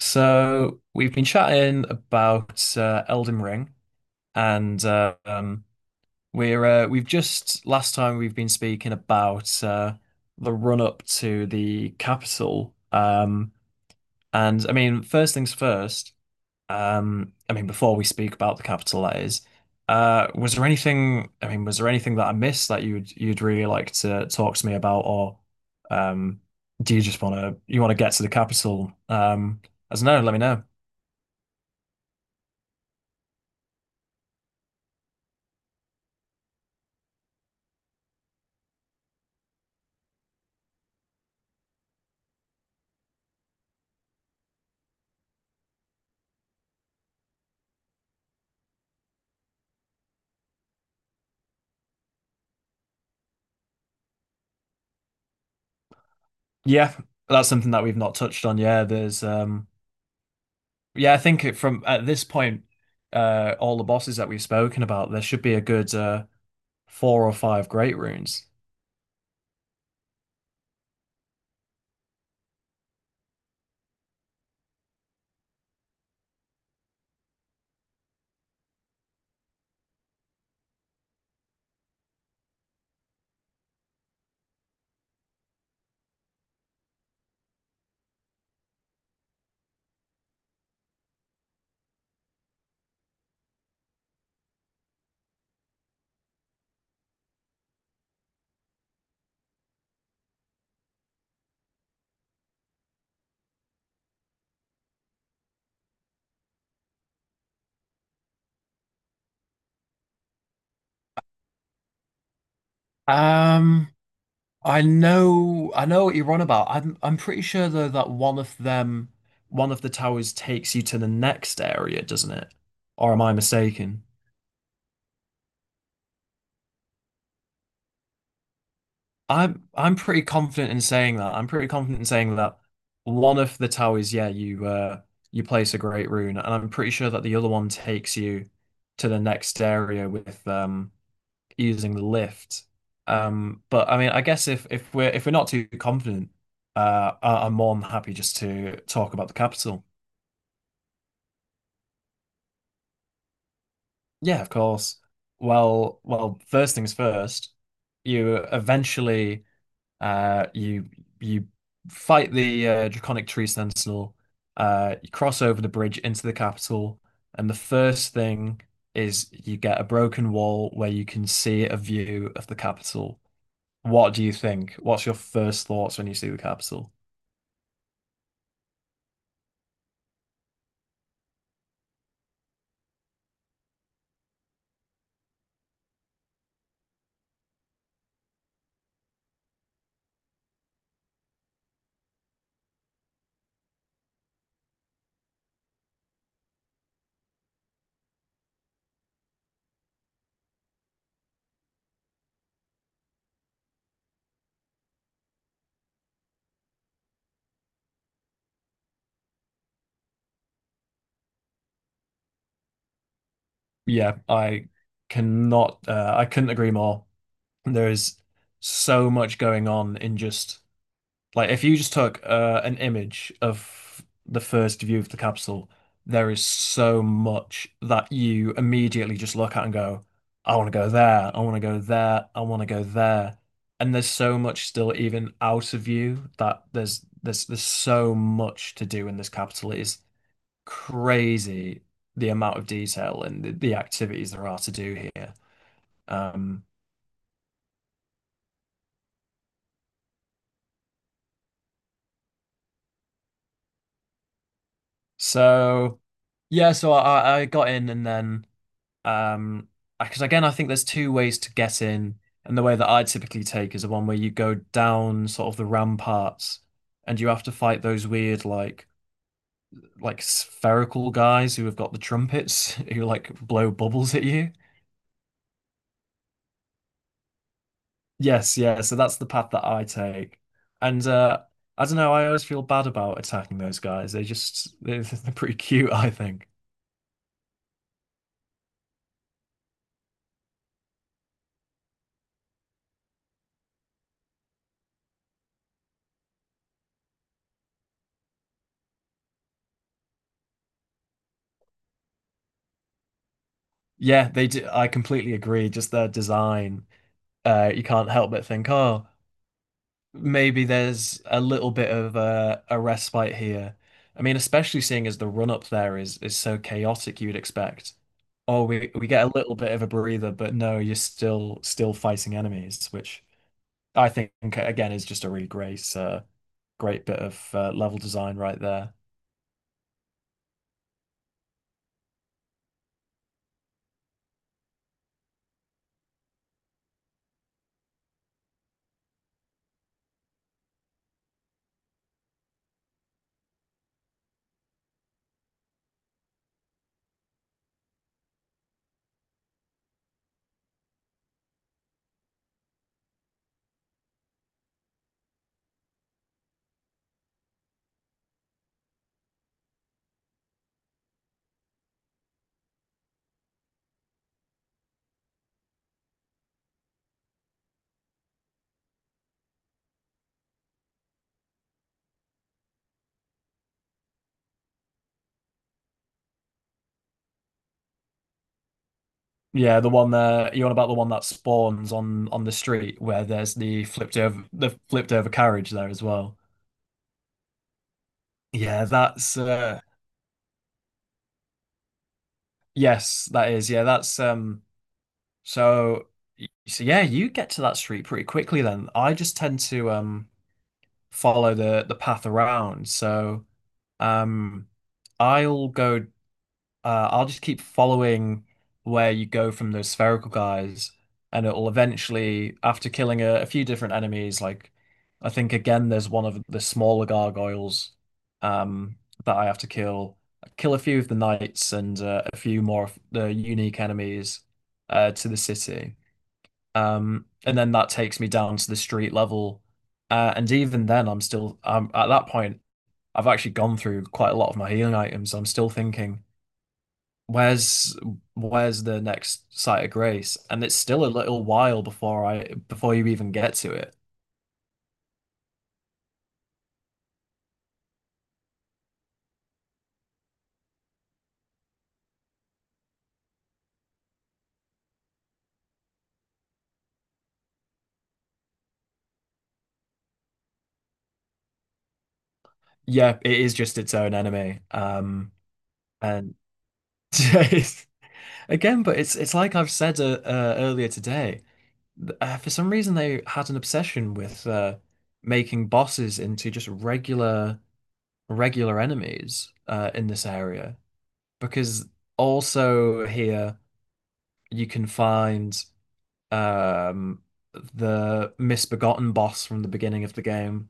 So we've been chatting about Elden Ring, and we've just last time we've been speaking about the run up to the capital. And first things first. Before we speak about the capital, that is, was there anything? Was there anything that I missed that you'd really like to talk to me about, or um, do you just want to you want to get to the capital? As no, let me know. Yeah, that's something that we've not touched on. Yeah, from at this point, all the bosses that we've spoken about, there should be a good four or five great runes. Um, I know what you're on about. I'm pretty sure though that one of the towers takes you to the next area, doesn't it? Or am I mistaken? I'm pretty confident in saying that. I'm pretty confident in saying that one of the towers, yeah, you place a great rune, and I'm pretty sure that the other one takes you to the next area with using the lift. But I guess if if we're not too confident, I'm more than happy just to talk about the capital. Yeah, of course. Well, first things first, you eventually. Uh, you you fight the Draconic Tree Sentinel. You cross over the bridge into the capital, and the first thing is you get a broken wall where you can see a view of the capital. What do you think? What's your first thoughts when you see the capital? Yeah, I cannot. I couldn't agree more. There is so much going on in just like if you just took an image of the first view of the capsule, there is so much that you immediately just look at and go, I want to go there, I want to go there, I want to go there. And there's so much still even out of view that there's so much to do in this capital. It is crazy the amount of detail and the activities there are to do here. Um, so yeah, so I got in and then. Um, because again, I think there's two ways to get in, and the way that I typically take is the one where you go down sort of the ramparts, and you have to fight those weird like spherical guys who have got the trumpets who like blow bubbles at you. Yes, yeah. So that's the path that I take, and I don't know. I always feel bad about attacking those guys. They just they're pretty cute, I think. Yeah, they do. I completely agree. Just their design, you can't help but think, oh, maybe there's a little bit of a respite here. I mean, especially seeing as the run up there is so chaotic, you'd expect, oh, we get a little bit of a breather, but no, you're still fighting enemies, which I think again is just a really great great bit of level design right there. Yeah, the one there you're on about the one that spawns on the street where there's the flipped over carriage there as well. Yeah, that's Yes, that is. Yeah, that's So, so yeah, you get to that street pretty quickly then. I just tend to follow the path around. So, um I'll go I'll just keep following where you go from those spherical guys, and it'll eventually after killing a few different enemies, like I think again there's one of the smaller gargoyles um that I have to kill. Kill a few of the knights and a few more of the unique enemies to the city. And then that takes me down to the street level. And even then, I'm still at that point, I've actually gone through quite a lot of my healing items. I'm still thinking, where's where's the next site of grace? And it's still a little while before I before you even get to it. Yeah, it is just its own enemy. And Again, but it's like I've said earlier today. For some reason, they had an obsession with making bosses into just regular enemies in this area because also here you can find um, the misbegotten boss from the beginning of the game.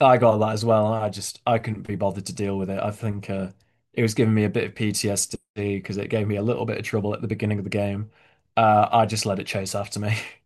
I got that as well. I couldn't be bothered to deal with it. I think it was giving me a bit of PTSD because it gave me a little bit of trouble at the beginning of the game. I just let it chase after me.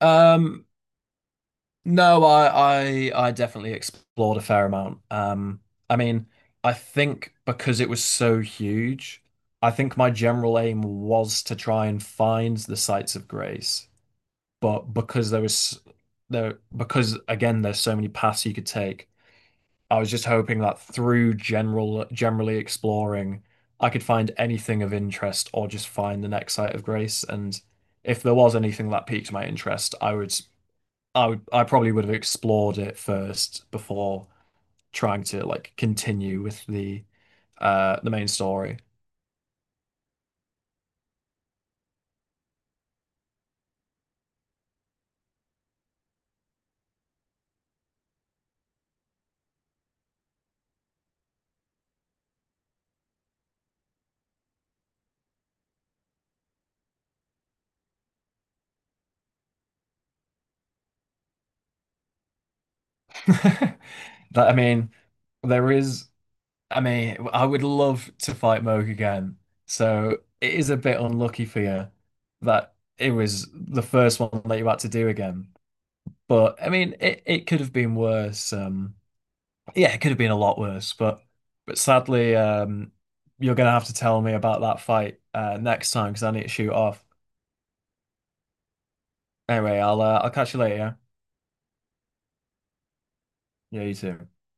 Um, No, I I definitely explored a fair amount. I mean, I think because it was so huge, I think my general aim was to try and find the sites of grace. But because there, because again, there's so many paths you could take, I was just hoping that through generally exploring, I could find anything of interest or just find the next site of grace. And if there was anything that piqued my interest, I probably would have explored it first before trying to like continue with the main story. That I mean, there is I mean, I would love to fight Moog again. So it is a bit unlucky for you that it was the first one that you had to do again. But I mean, it could have been worse. Yeah, it could have been a lot worse, but sadly, you're gonna have to tell me about that fight next time because I need to shoot off. Anyway, I'll catch you later. Yeah, yeah, you too.